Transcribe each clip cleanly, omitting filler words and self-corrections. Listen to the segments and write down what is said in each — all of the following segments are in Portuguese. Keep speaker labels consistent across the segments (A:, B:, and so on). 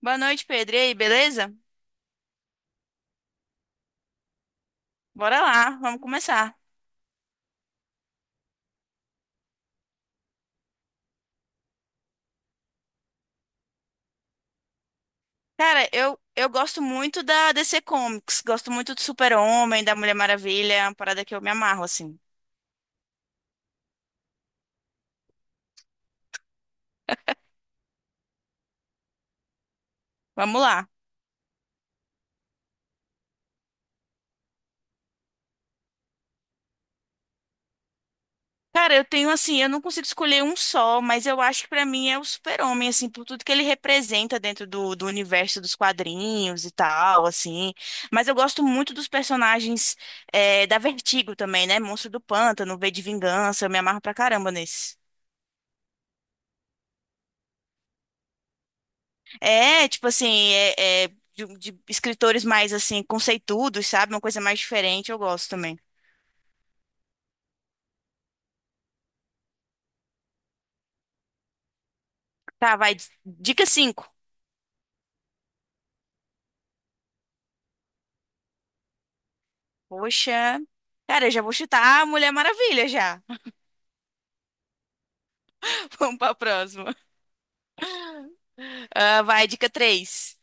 A: Boa noite, Pedro. E aí, beleza? Bora lá, vamos começar. Cara, eu gosto muito da DC Comics, gosto muito do Super-Homem, da Mulher Maravilha, é uma parada que eu me amarro, assim. Vamos lá. Cara, eu tenho assim, eu não consigo escolher um só, mas eu acho que pra mim é o Super-Homem, assim, por tudo que ele representa dentro do universo dos quadrinhos e tal, assim. Mas eu gosto muito dos personagens da Vertigo também, né? Monstro do Pântano, V de Vingança, eu me amarro pra caramba nesse. Tipo assim, de, de escritores mais assim, conceituados, sabe? Uma coisa mais diferente, eu gosto também. Tá, vai. Dica 5. Poxa. Cara, eu já vou chutar a Mulher Maravilha já. Vamos pra próxima. Ah, vai, dica 3.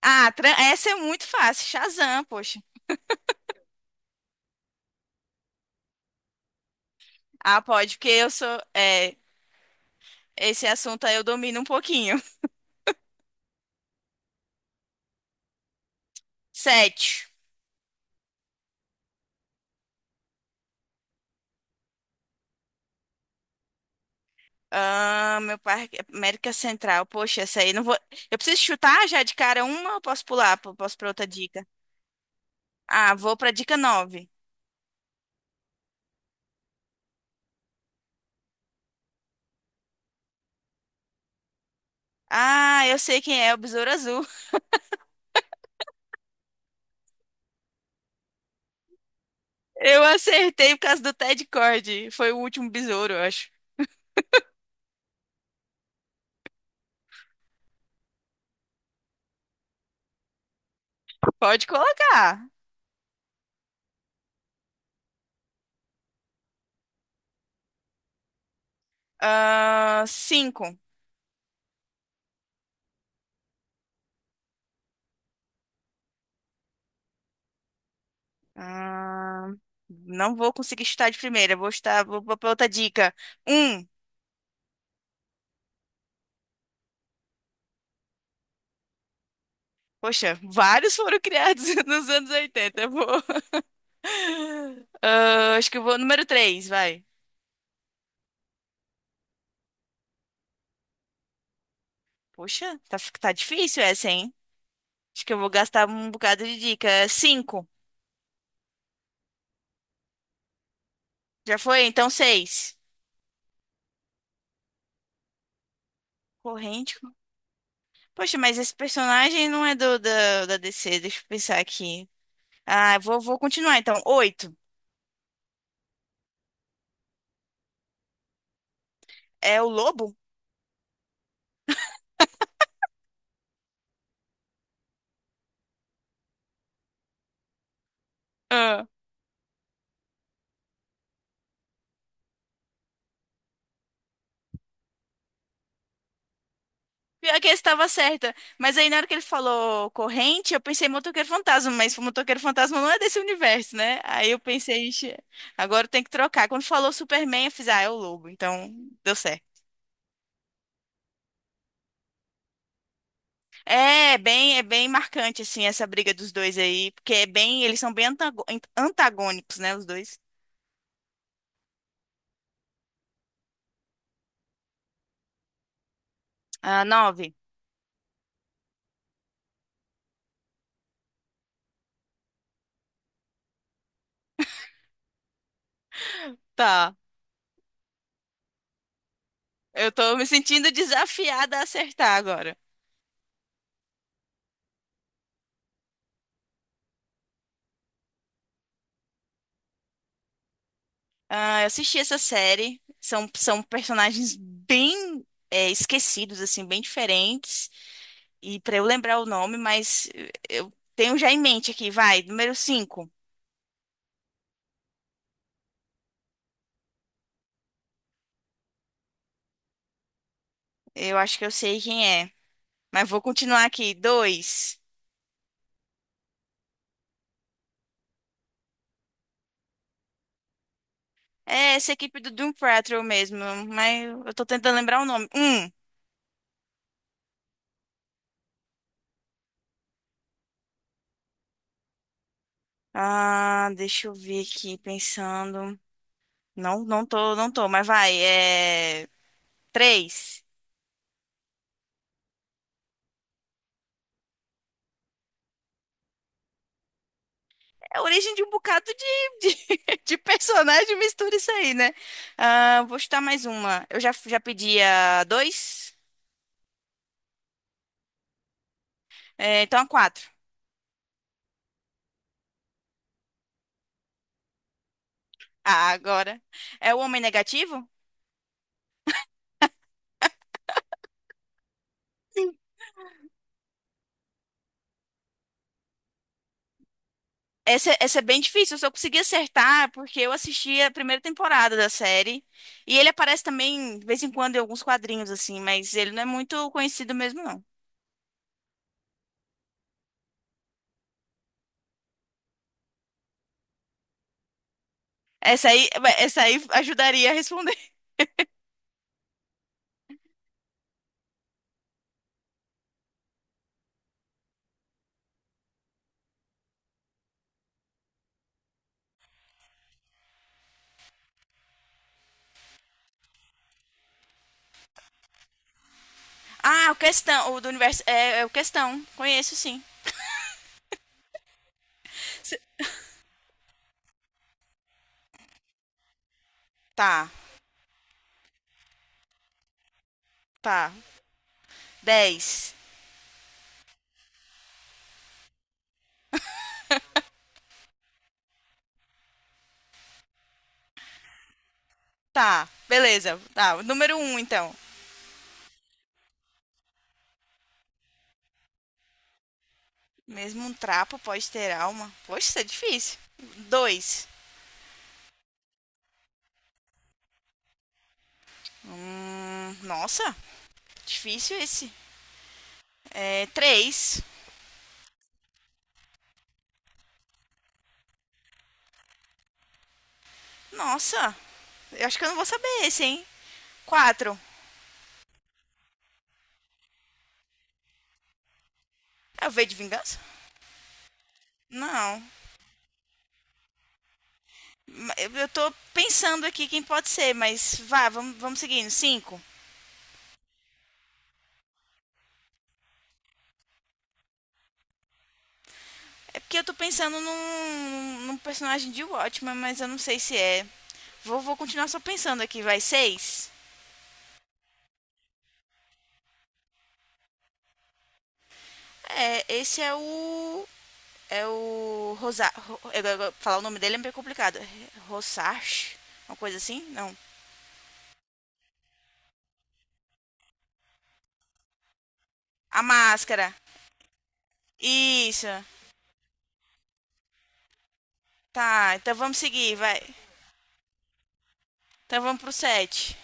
A: Ah, essa é muito fácil. Shazam, poxa. Ah, pode, porque eu sou. É, esse assunto aí eu domino um pouquinho. 7. Ah, meu parque. América Central. Poxa, essa aí não vou. Eu preciso chutar já de cara uma ou posso pular? Posso pra outra dica? Ah, vou pra dica 9. Ah, eu sei quem é o Besouro Azul. Eu acertei por causa do Ted Cord. Foi o último besouro, eu acho. Pode colocar. Ah, cinco. Ah, não vou conseguir chutar de primeira. Vou, vou pra outra dica. Um. Poxa, vários foram criados nos anos 80. Eu vou. Ah, acho que eu vou número três, vai. Poxa, tá, tá difícil essa, hein? Acho que eu vou gastar um bocado de dica. Cinco. Já foi? Então seis. Corrente. Poxa, mas esse personagem não é da DC, deixa eu pensar aqui. Ah, vou continuar então. Oito. É o lobo? Ah. Pior que eu estava certa. Mas aí na hora que ele falou corrente, eu pensei em motoqueiro fantasma, mas o motoqueiro fantasma não é desse universo, né? Aí eu pensei, "Ixi, agora tem que trocar." Quando falou Superman, eu fiz, ah, é o Lobo, então deu certo. É bem marcante assim essa briga dos dois aí, porque é bem, eles são bem antagônicos, né, os dois. Ah, nove. Tá. Eu tô me sentindo desafiada a acertar agora. Ah, eu assisti essa série. São personagens bem esquecidos, assim, bem diferentes. E pra eu lembrar o nome, mas eu tenho já em mente aqui, vai. Número 5. Eu acho que eu sei quem é. Mas vou continuar aqui. Dois. É essa equipe do Doom Patrol mesmo. Mas eu tô tentando lembrar o nome. Um. Ah, deixa eu ver aqui, pensando. Não, não tô, mas vai. É. Três. É a origem de um bocado de personagem, mistura isso aí, né? Ah, vou chutar mais uma. Eu já, já pedi a dois, é, então a quatro. Ah, agora. É o Homem Negativo? Sim. Essa é bem difícil, eu só consegui acertar porque eu assisti a primeira temporada da série. E ele aparece também, de vez em quando, em alguns quadrinhos, assim, mas ele não é muito conhecido mesmo, não. Essa aí, essa aí ajudaria a responder. Ah, o questão, o do universo. É, é o questão. Conheço sim. Se- Tá, tá. Dez. Tá, beleza. Tá, o número um, então. Mesmo um trapo pode ter alma. Poxa, isso é difícil. Dois. Nossa, difícil esse. É, três. Nossa, eu acho que eu não vou saber esse, hein? Quatro. É o V de Vingança? Não. Eu tô pensando aqui quem pode ser, mas vá, vamos, vamos seguindo. Cinco. É porque eu tô pensando num personagem de Watchmen, mas eu não sei se é. Vou continuar só pensando aqui, vai. Seis. É, esse é o. É o. Rosa, falar o nome dele é meio complicado. Rosarch? Uma coisa assim? Não. A máscara. Isso. Tá, então vamos seguir, vai. Então vamos pro 7.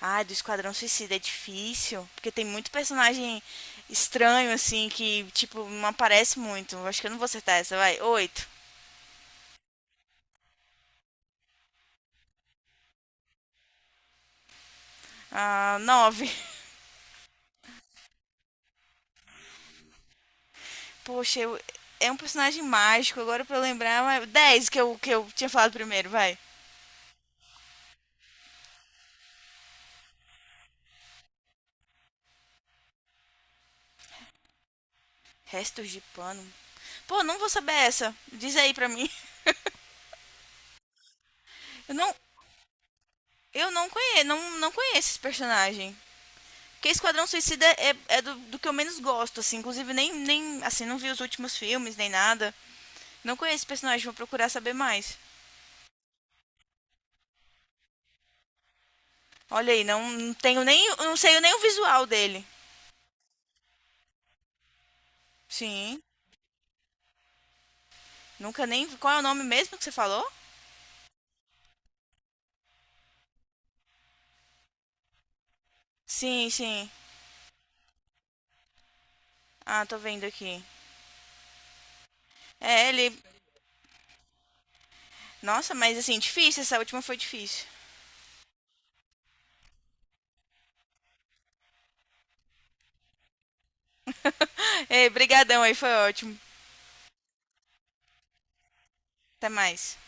A: Ai, do Esquadrão Suicida é difícil. Porque tem muito personagem estranho, assim, que, tipo, não aparece muito. Eu acho que eu não vou acertar essa, vai. Oito. Ah, 9. Poxa, é um personagem mágico. Agora pra eu lembrar, mas 10 que eu tinha falado primeiro, vai. Restos de pano. Pô, não vou saber essa. Diz aí pra mim. Eu não, eu não conheço, não conheço esse personagem. Porque Esquadrão Suicida é, é do que eu menos gosto, assim. Inclusive, nem. Assim, não vi os últimos filmes, nem nada. Não conheço esse personagem, vou procurar saber mais. Olha aí, não, não tenho nem. Não sei nem o visual dele. Sim. Nunca nem. Qual é o nome mesmo que você falou? Sim, sim. Ah, tô vendo aqui. É, ele. Nossa, mas assim, difícil. Essa última foi difícil. Ei, brigadão aí, foi ótimo. Até mais.